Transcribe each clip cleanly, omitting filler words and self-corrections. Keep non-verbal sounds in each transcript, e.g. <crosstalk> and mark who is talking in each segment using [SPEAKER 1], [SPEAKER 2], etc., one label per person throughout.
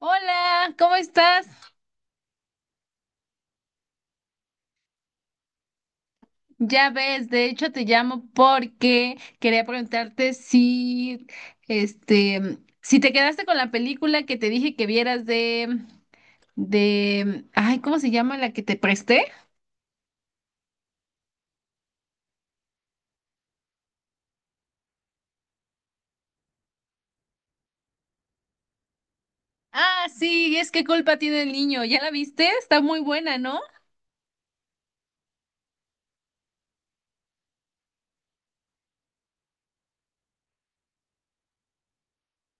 [SPEAKER 1] Hola, ¿cómo estás? Ya ves, de hecho te llamo porque quería preguntarte si te quedaste con la película que te dije que vieras de ay, ¿cómo se llama la que te presté? Ah, sí, es que culpa tiene el niño, ¿ya la viste? Está muy buena, ¿no?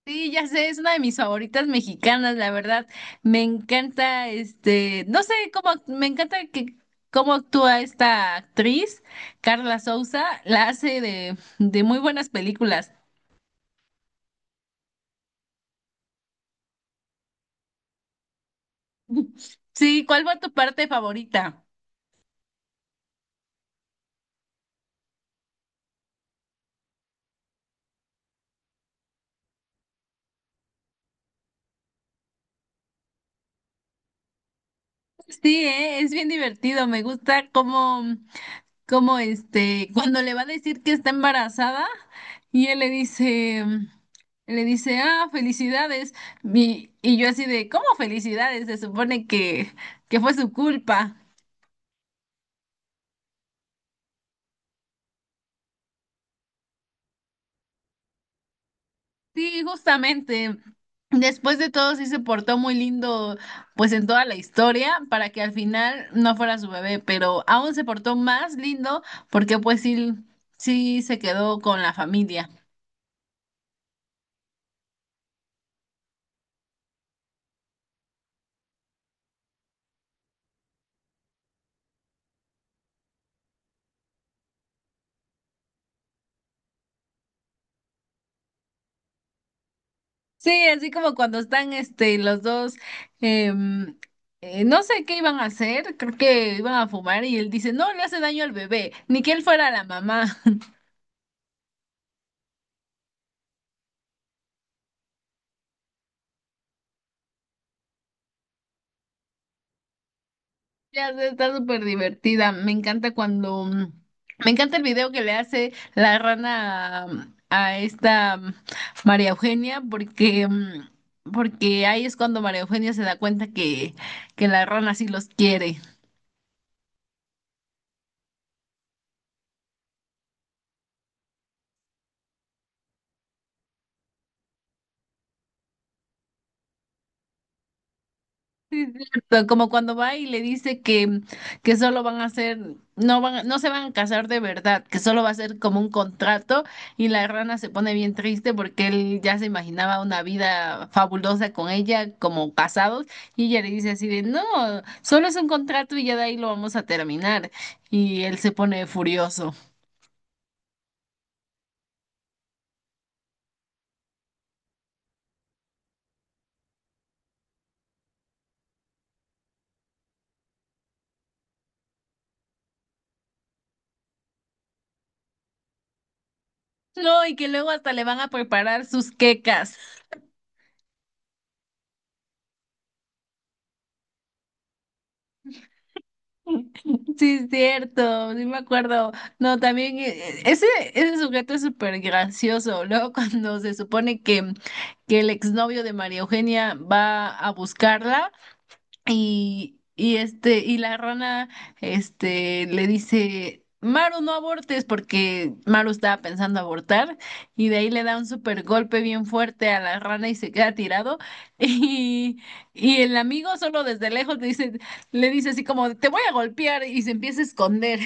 [SPEAKER 1] Sí, ya sé, es una de mis favoritas mexicanas, la verdad. Me encanta, este, no sé cómo, me encanta que cómo actúa esta actriz, Carla Souza, la hace de muy buenas películas. <laughs> Sí, ¿cuál fue tu parte favorita? Sí, es bien divertido, me gusta cómo cuando le va a decir que está embarazada y él le dice, ah, felicidades. Y yo así de, ¿cómo felicidades? Se supone que fue su culpa. Sí, justamente. Después de todo, sí se portó muy lindo, pues en toda la historia, para que al final no fuera su bebé, pero aún se portó más lindo porque pues sí, sí se quedó con la familia. Sí, así como cuando están este los dos em, no sé qué iban a hacer, creo que iban a fumar y él dice: "No le hace daño al bebé, ni que él fuera la mamá." <laughs> Ya sé, está súper divertida. Me encanta cuando me encanta el video que le hace la rana a esta María Eugenia porque porque ahí es cuando María Eugenia se da cuenta que la rana sí los quiere. Sí, es cierto, como cuando va y le dice que solo van a ser, no se van a casar de verdad, que solo va a ser como un contrato y la rana se pone bien triste porque él ya se imaginaba una vida fabulosa con ella como casados y ella le dice así de, no, solo es un contrato y ya de ahí lo vamos a terminar y él se pone furioso. No, y que luego hasta le van a preparar sus quecas. Sí, es cierto, sí me acuerdo. No, también ese sujeto es súper gracioso. Luego <laughs> cuando se supone que el exnovio de María Eugenia va a buscarla y y la rana, este, le dice, Maru, no abortes, porque Maru estaba pensando abortar, y de ahí le da un super golpe bien fuerte a la rana y se queda tirado. <laughs> Y, y el amigo solo desde lejos le dice así como, te voy a golpear, y se empieza a esconder.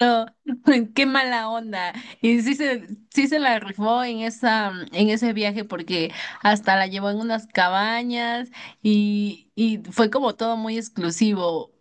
[SPEAKER 1] No, <laughs> qué mala onda. Y sí se, sí se la rifó en en ese viaje porque hasta la llevó en unas cabañas y fue como todo muy exclusivo.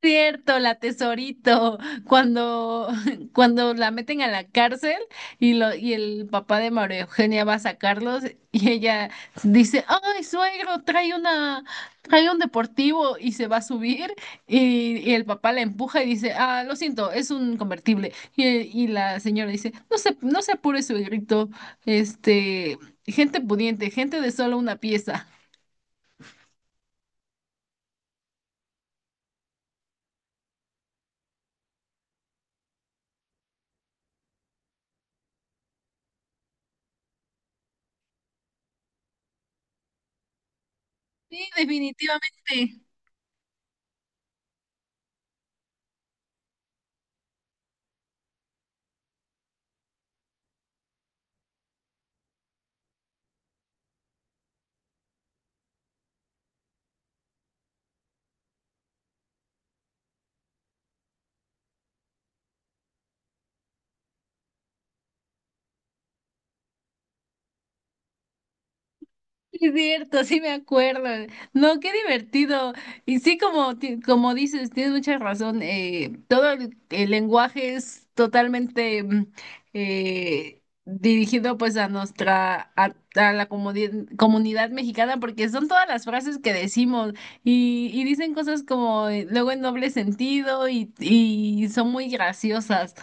[SPEAKER 1] Cierto, la tesorito, cuando, <laughs> cuando la meten a la cárcel y el papá de María Eugenia va a sacarlos y ella dice, ay, suegro, trae un deportivo y se va a subir y el papá la empuja y dice, ah, lo siento, es un convertible. Y la señora dice, no se apure, suegrito, este, gente pudiente, gente de solo una pieza. Sí, definitivamente. Sí, es cierto, sí me acuerdo. No, qué divertido. Y sí, como dices, tienes mucha razón. El lenguaje es totalmente dirigido pues a a la comunidad mexicana, porque son todas las frases que decimos y dicen cosas como luego en doble sentido y son muy graciosas.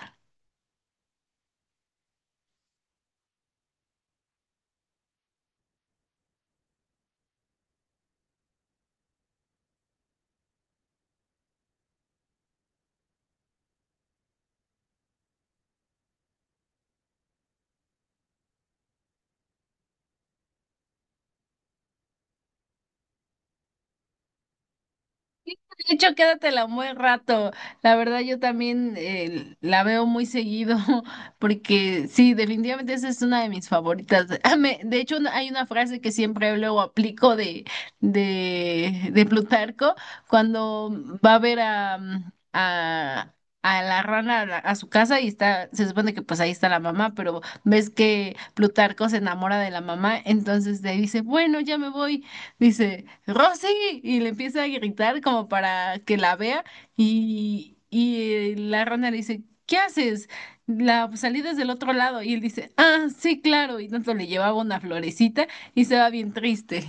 [SPEAKER 1] De hecho, quédatela un buen rato. La verdad, yo también la veo muy seguido, <laughs> porque sí, definitivamente esa es una de mis favoritas. <laughs> Hay una frase que siempre luego aplico de de Plutarco cuando va a ver a a la rana a su casa y está, se supone que pues ahí está la mamá, pero ves que Plutarco se enamora de la mamá, entonces le dice, bueno, ya me voy, dice, Rosy, y le empieza a gritar como para que la vea, y, y la rana le dice, ¿qué haces? La salida es del otro lado, y él dice, ah, sí, claro, y tanto le llevaba una florecita y se va bien triste.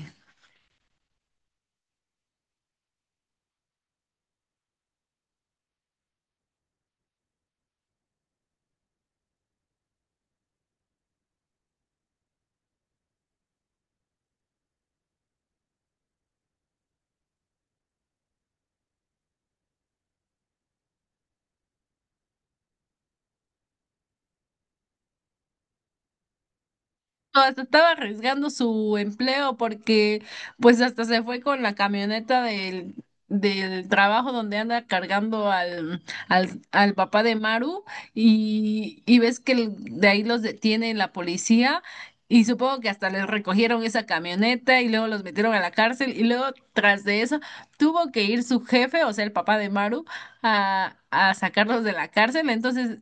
[SPEAKER 1] Hasta estaba arriesgando su empleo porque pues hasta se fue con la camioneta del trabajo donde anda cargando al papá de Maru y ves que de ahí los detiene la policía y supongo que hasta les recogieron esa camioneta y luego los metieron a la cárcel y luego tras de eso tuvo que ir su jefe, o sea el papá de Maru, a sacarlos de la cárcel, entonces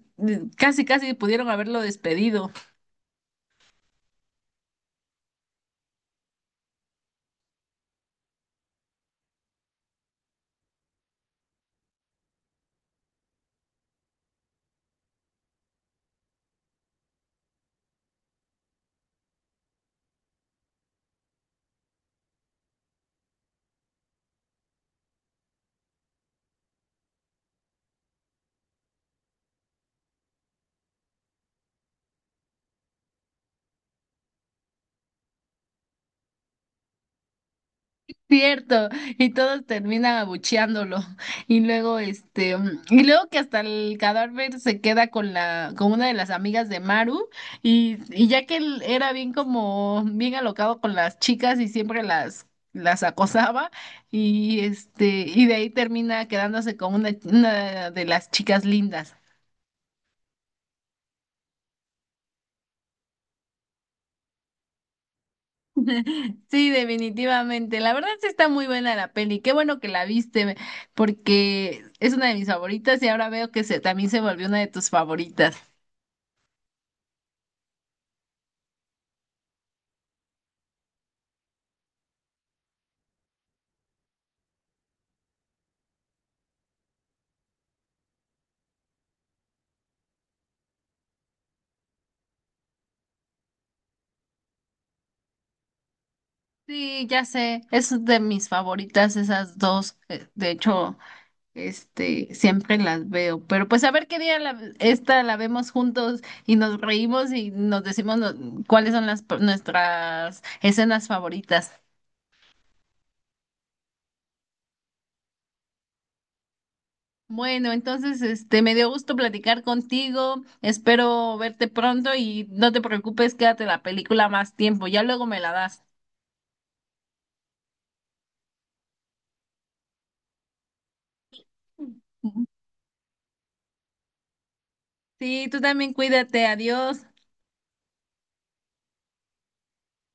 [SPEAKER 1] casi casi pudieron haberlo despedido. Cierto, y todos terminan abucheándolo. Y luego, y luego que hasta el cadáver se queda con con una de las amigas de Maru, y ya que él era bien alocado con las chicas y siempre las acosaba, y este, y de ahí termina quedándose con una de las chicas lindas. <laughs> Sí, definitivamente. La verdad sí está muy buena la peli. Qué bueno que la viste, porque es una de mis favoritas y ahora veo también se volvió una de tus favoritas. Sí, ya sé, es de mis favoritas esas dos. De hecho, este, siempre las veo. Pero pues a ver qué día esta la vemos juntos y nos reímos y nos decimos cuáles son las nuestras escenas favoritas. Bueno, entonces, este, me dio gusto platicar contigo. Espero verte pronto y no te preocupes, quédate la película más tiempo. Ya luego me la das. Sí, tú también cuídate. Adiós.